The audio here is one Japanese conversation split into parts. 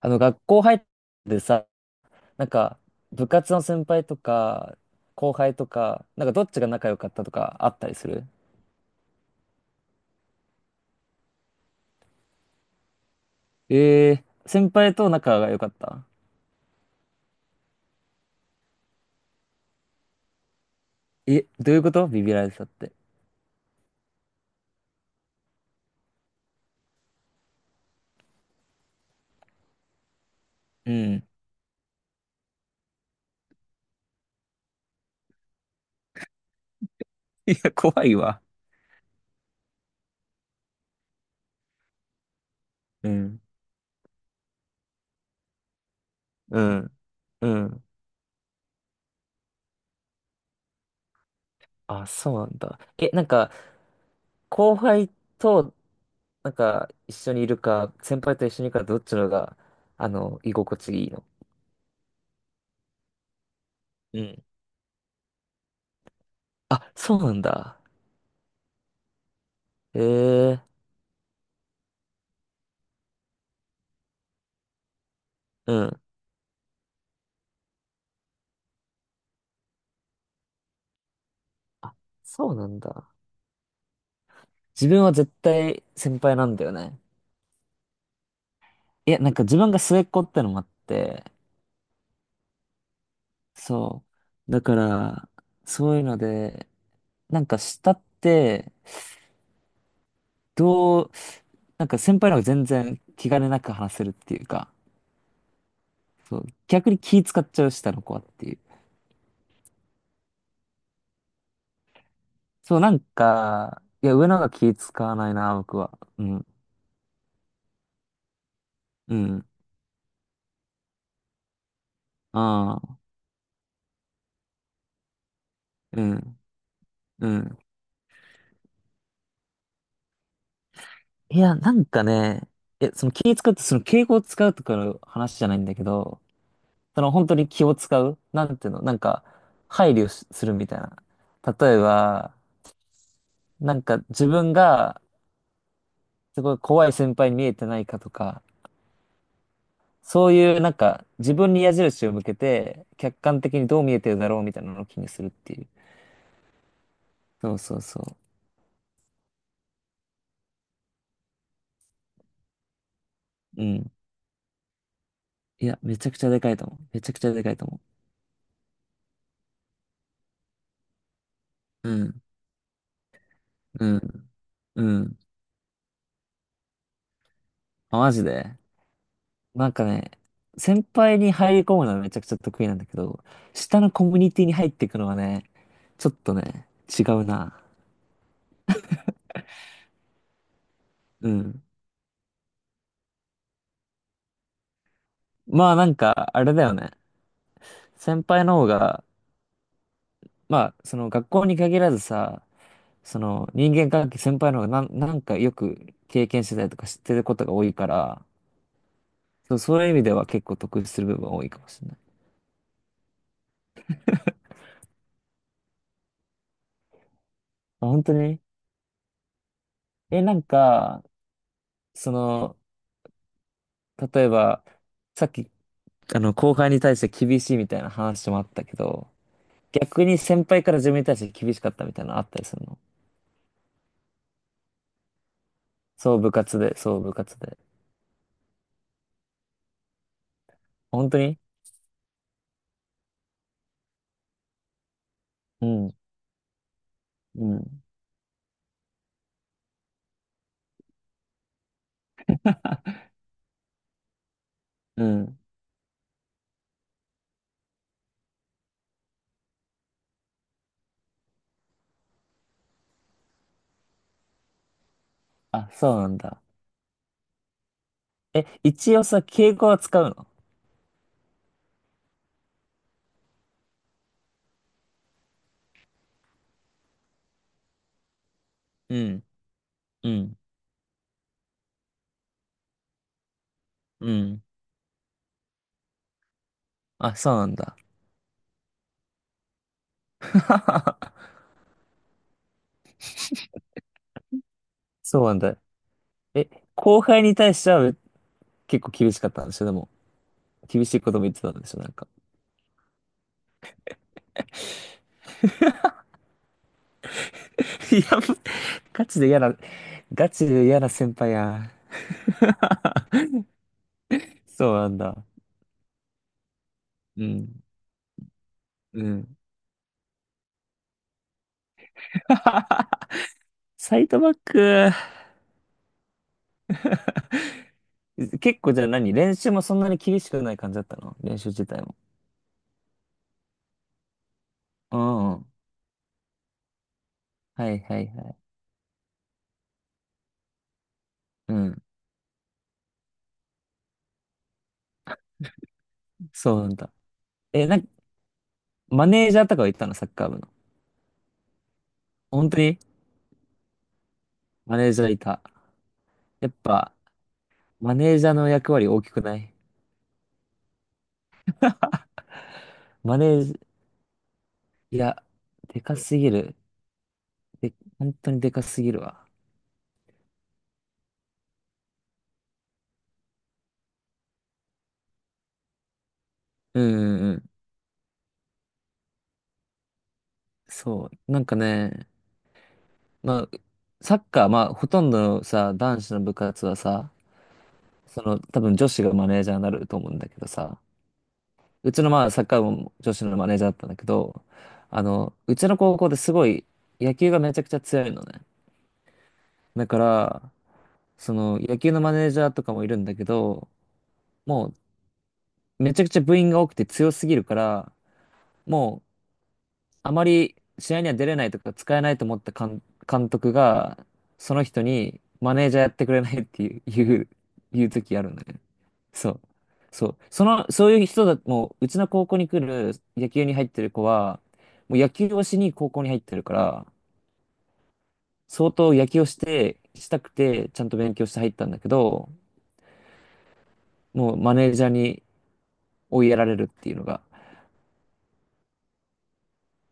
学校入ってさ、なんか、部活の先輩とか、後輩とか、なんかどっちが仲良かったとかあったりする？ええー、先輩と仲が良かった？え、どういうことビビられてたって？うん。いや、怖いわ。うん。うん。うん。あ、そうなんだ。え、なんか、後輩と、なんか、一緒にいるか、先輩と一緒にいるか、どっちのが、居心地いいの？うん。あ、そうなんだ。ええー、うん。あ、そうなんだ。自分は絶対先輩なんだよね。いや、なんか自分が末っ子ってのもあって、そう。だから、そういうので、なんか下って、どう、なんか先輩の方が全然気兼ねなく話せるっていうか、そう。逆に気使っちゃう下の子はっていう。そう、なんか、いや、上の方が気使わないな、僕は。うん。うん。ああ、うん。うん。いや、なんかね、え、その気使って、その敬語を使うとかの話じゃないんだけど、その本当に気を使うなんていうのなんか、配慮しするみたいな。例えば、なんか自分がすごい怖い先輩に見えてないかとか、そういうなんか自分に矢印を向けて、客観的にどう見えてるだろうみたいなのを気にするっていう。そうそうそう。うん。いや、めちゃくちゃでかいと思う。めちゃくちゃでかいと思う。うん。うん。うん。あ、マジで。なんかね、先輩に入り込むのはめちゃくちゃ得意なんだけど、下のコミュニティに入っていくのはね、ちょっとね、違うな。うん。まあなんか、あれだよね。先輩の方が、まあ、その学校に限らずさ、その人間関係先輩の方がなん、なんかよく経験してたりとか知ってることが多いから、そう、そういう意味では結構得する部分は多いかもしれない。まあ、本当に。え、なんか、その、例えば、さっき後輩に対して厳しいみたいな話もあったけど、逆に先輩から自分に対して厳しかったみたいなのあったりするの？そう部活で、そう部活で。本当に？うん、うん、うん。あ、そうなんだ。え、一応さ、敬語は使うの？うん、うん、うん。あ、そうなんだ。そうなんだ。え、後輩に対しては結構厳しかったんでしょでも、厳しいことも言ってたんでしょなんか。いや、ガチで嫌な、ガチで嫌な先輩や。そうなんだ。うん。うん。サイドバック、結構じゃあ何練習もそんなに厳しくない感じだったの？練習自体も。うんうん。はいはいはい。うん。そうなんだ。え、なんか、マネージャーとかはいたのサッカー部の？本当に？マネージャーいた？やっぱ、マネージャーの役割大きくない？マネージ、いや、でかすぎる。で、本当にでかすぎるわ。うんうんうん。そう。なんかね、まあ、サッカー、まあ、ほとんどのさ、男子の部活はさ、その、多分女子がマネージャーになると思うんだけどさ、うちのまあサッカー部も女子のマネージャーだったんだけど、うちの高校ですごい野球がめちゃくちゃ強いのね。だから、その野球のマネージャーとかもいるんだけど、もうめちゃくちゃ部員が多くて強すぎるから、もうあまり試合には出れないとか使えないと思った監、監督が、その人にマネージャーやってくれないっていう、いう、いう時あるんだね。そう。そう。その、そういう人だ、もう、うちの高校に来る野球に入ってる子は、もう野球をしに高校に入ってるから、相当野球をして、したくて、ちゃんと勉強して入ったんだけど、もうマネージャーに追いやられるっていうのが。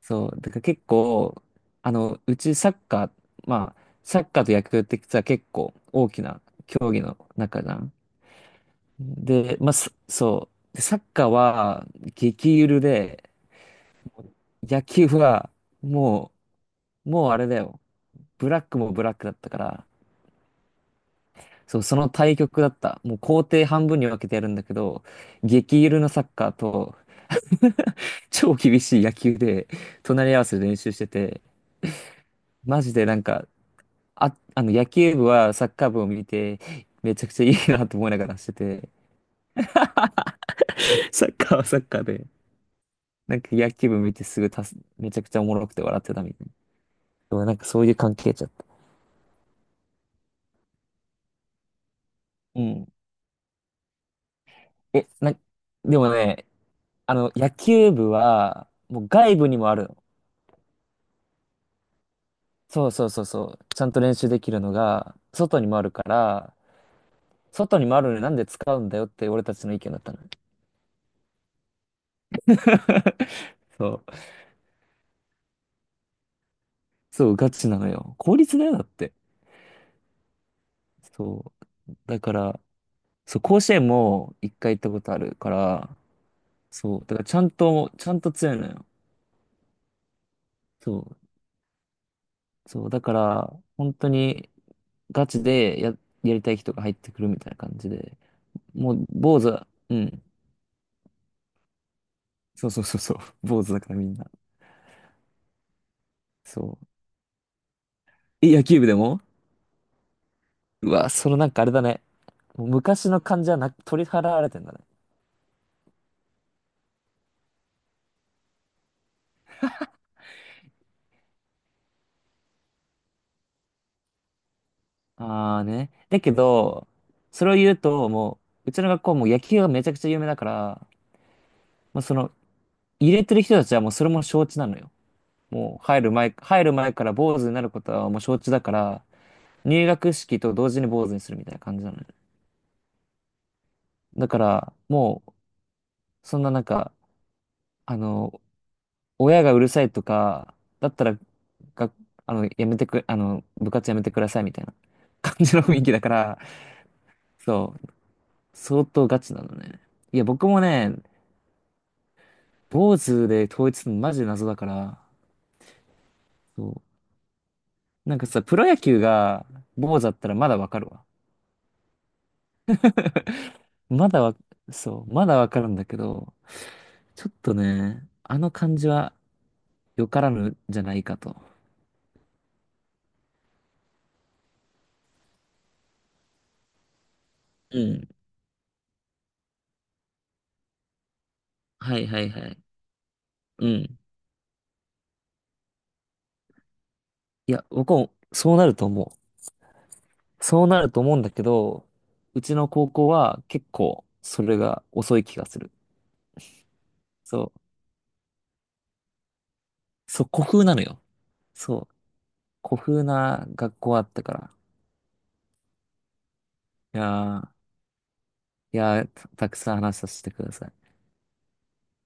そう、だから結構、うちサッカー、まあ、サッカーと野球って実は結構大きな競技の中じゃん。で、まあ、そそう。でサッカーは激ゆるで、野球はもう、もうあれだよ。ブラックもブラックだったから、そう、その対極だった。もう工程半分に分けてやるんだけど、激ゆるのサッカーと超厳しい野球で隣り合わせで練習してて、マジでなんかあ、野球部はサッカー部を見て、めちゃくちゃいいなと思いながらしてて、サッカーはサッカーで。なんか野球部見てすぐたす、めちゃくちゃおもろくて笑ってたみたいな。でもなんかそういう関係ちゃった。うん。え、な、でもね、野球部は、もう外部にもあるの。そうそうそうそう。ちゃんと練習できるのが、外にもあるから、外にもあるのになんで使うんだよって俺たちの意見だったの。そう。そう、ガチなのよ。効率だよ、だって。そう。だから、そう、甲子園も一回行ったことあるから、そう、だからちゃんと、ちゃんと強いのよ。そう、そう、だから、本当にガチでや、やりたい人が入ってくるみたいな感じで、もう坊主は、うん、そうそうそうそう、坊主だからみんな。そう。え、野球部でも？うわ、そのなんかあれだね。もう昔の感じはな、取り払われてんだね。ああね。だけど、それを言うと、もう、うちの学校も野球がめちゃくちゃ有名だから、まあ、その、入れてる人たちはもうそれも承知なのよ。もう入る前、入る前から坊主になることはもう承知だから、入学式と同時に坊主にするみたいな感じなのよ。だから、もう、そんななんか、あの、親がうるさいとか、だったら、が、やめてく、部活やめてくださいみたいな感じの雰囲気だから、そう、相当ガチなのね。いや、僕もね、坊主で統一するのマジで謎だから、そう。なんかさ、プロ野球が坊主だったらまだわかるわ。まだわ、そう、まだわかるんだけど、ちょっとね、あの感じはよからぬじゃないかと。うん。はいはいはい。うん。いや、僕もそうなると思う。そうなると思うんだけど、うちの高校は結構それが遅い気がする。そう。そう、古風なのよ。そう。古風な学校あったから。いやー、いやー、た、たくさん話させてください。